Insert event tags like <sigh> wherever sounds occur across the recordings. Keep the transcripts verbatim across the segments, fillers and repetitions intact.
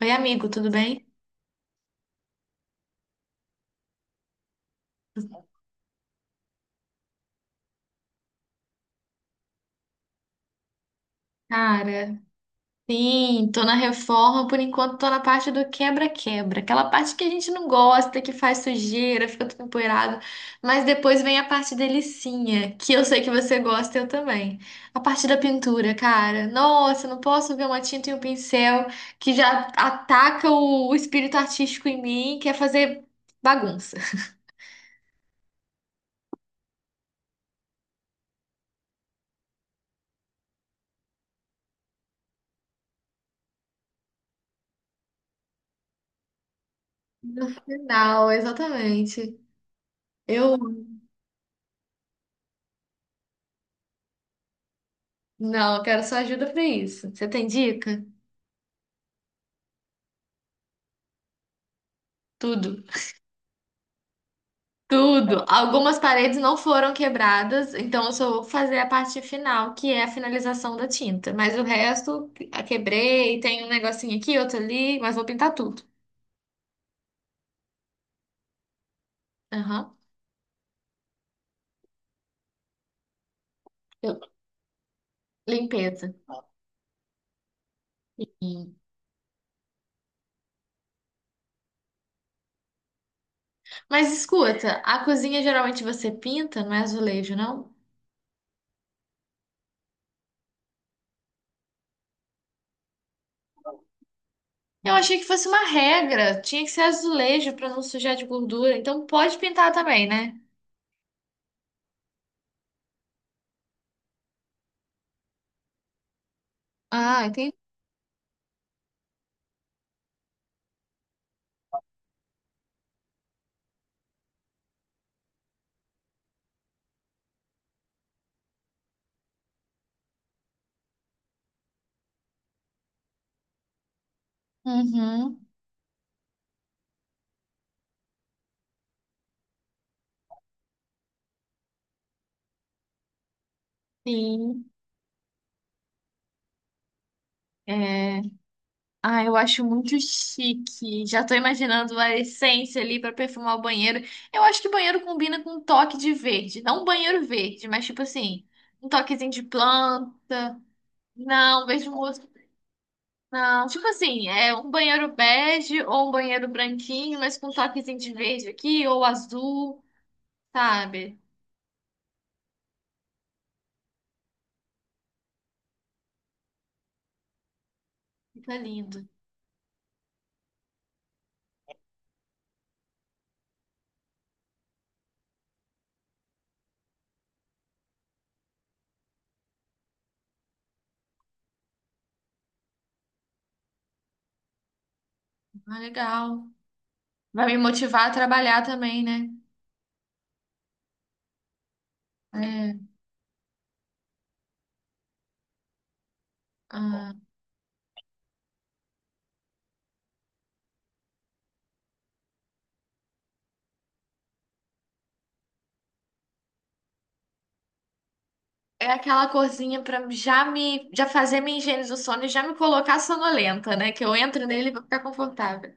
Oi, amigo, tudo bem? Cara, sim, tô na reforma. Por enquanto tô na parte do quebra-quebra, aquela parte que a gente não gosta, que faz sujeira, fica tudo empoeirado, mas depois vem a parte delicinha, que eu sei que você gosta, eu também. A parte da pintura, cara. Nossa, eu não posso ver uma tinta e um pincel que já ataca o, o espírito artístico em mim, quer fazer bagunça. No final, exatamente. Eu não, eu quero sua ajuda pra isso. Você tem dica? Tudo. Tudo. Algumas paredes não foram quebradas, então eu só vou fazer a parte final, que é a finalização da tinta. Mas o resto, a quebrei, tem um negocinho aqui, outro ali, mas vou pintar tudo. Aham. Eu- Limpeza. Sim. Mas escuta, a cozinha geralmente você pinta, não é azulejo, não? Eu achei que fosse uma regra, tinha que ser azulejo para não sujar de gordura, então pode pintar também, né? Ah, entendi. Uhum. Sim. É. Ah, eu acho muito chique. Já tô imaginando a essência ali pra perfumar o banheiro. Eu acho que banheiro combina com um toque de verde. Não um banheiro verde, mas tipo assim, um toquezinho de planta. Não, vejo música. Não, tipo assim, é um banheiro bege ou um banheiro branquinho, mas com um toquezinho de verde aqui ou azul, sabe? Fica lindo. Ah, legal. Vai me motivar a trabalhar também, né? É. Ah. É aquela corzinha pra já me, já fazer minha higiene do sono e já me colocar sonolenta, né? Que eu entro nele e vou ficar confortável.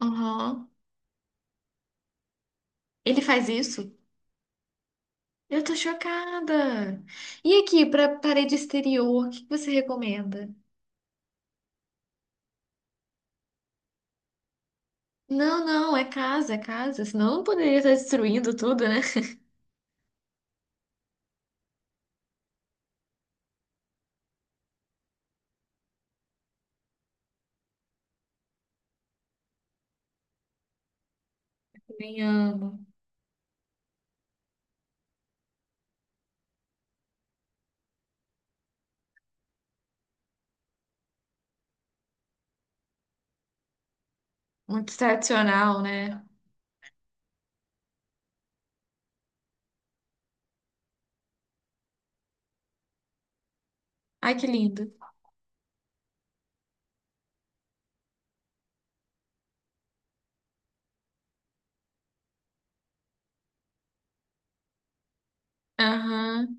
Aham. Ele faz isso? Eu tô chocada. E aqui, pra parede exterior, o que que você recomenda? Não, não, é casa, é casa. Senão eu não poderia estar destruindo tudo, né? Nem amo. Muito tradicional, né? Ai, que lindo. Aham.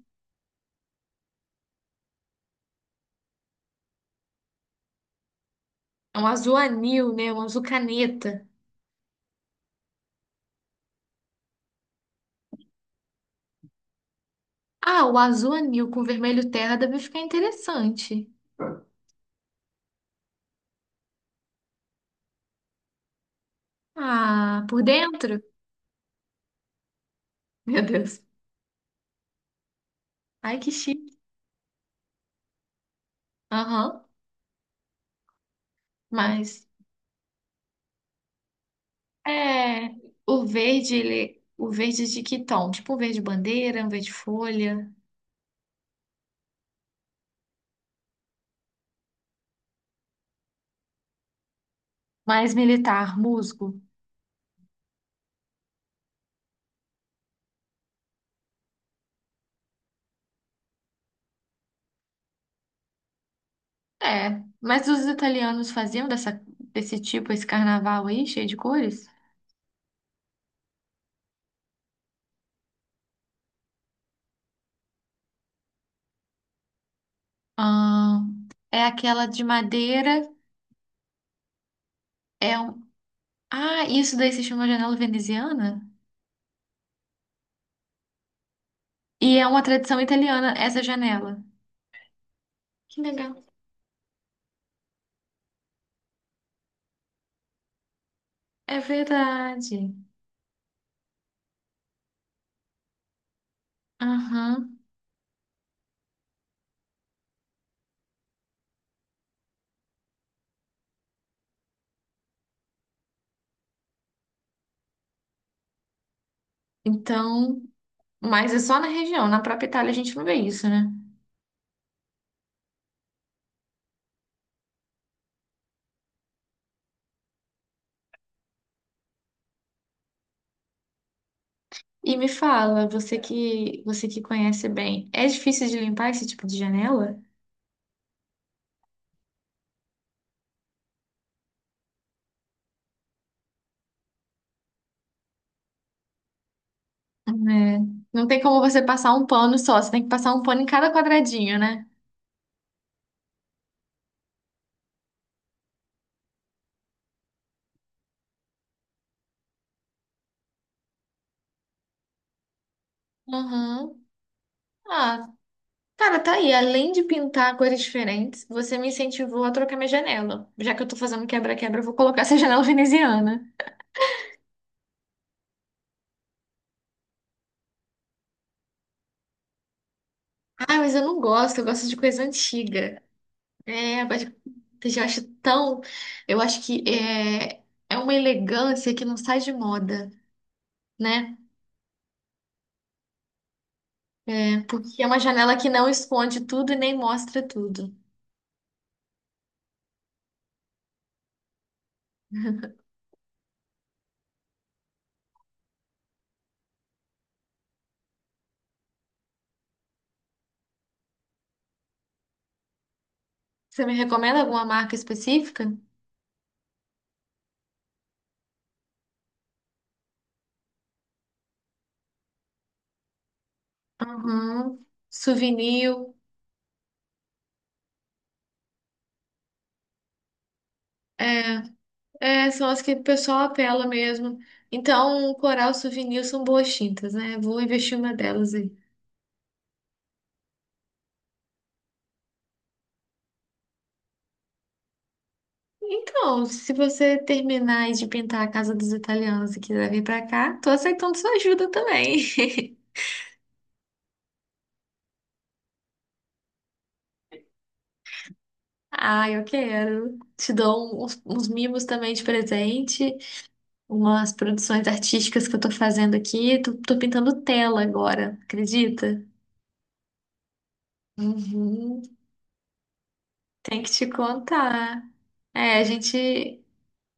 É um azul anil, né? Um azul caneta. Ah, o azul anil com vermelho terra deve ficar interessante. Ah, por dentro? <laughs> Meu Deus. Ai, que chique. Aham. Mas é o verde, ele, o verde de que tom? Tipo um verde bandeira, um verde folha, mais militar, musgo. É, mas os italianos faziam dessa, desse tipo esse carnaval aí, cheio de cores? Ah, é aquela de madeira, é um Ah, isso daí se chama janela veneziana? E é uma tradição italiana essa janela. Que legal. É verdade. Aham. Então, mas é só na região, na própria Itália a gente não vê isso, né? E me fala, você que você que conhece bem, é difícil de limpar esse tipo de janela? É. Não tem como você passar um pano só, você tem que passar um pano em cada quadradinho, né? Uhum. Ah, cara, tá aí. Além de pintar cores diferentes, você me incentivou a trocar minha janela. Já que eu tô fazendo quebra-quebra, eu vou colocar essa <laughs> janela veneziana. Ah, mas eu não gosto, eu gosto de coisa antiga. É, mas eu já acho tão. Eu acho que é, é uma elegância que não sai de moda, né? Porque é uma janela que não esconde tudo e nem mostra tudo. Você me recomenda alguma marca específica? Uhum. Souvenir. É, é, são as que o pessoal apela mesmo. Então, um coral souvenir são boas tintas, né? Vou investir uma delas aí. Então, se você terminar aí de pintar a casa dos italianos e quiser vir pra cá, tô aceitando sua ajuda também. <laughs> Ah, eu quero. Te dou um, uns, uns mimos também de presente, umas produções artísticas que eu tô fazendo aqui. Tô, tô pintando tela agora, acredita? Uhum, tem que te contar. É, a gente,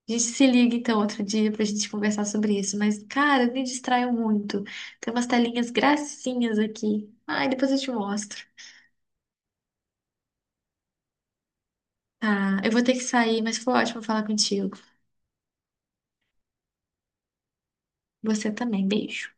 a gente se liga então outro dia pra gente conversar sobre isso. Mas, cara, eu me distraio muito. Tem umas telinhas gracinhas aqui. Ai, depois eu te mostro. Tá, eu vou ter que sair, mas foi ótimo falar contigo. Você também, beijo.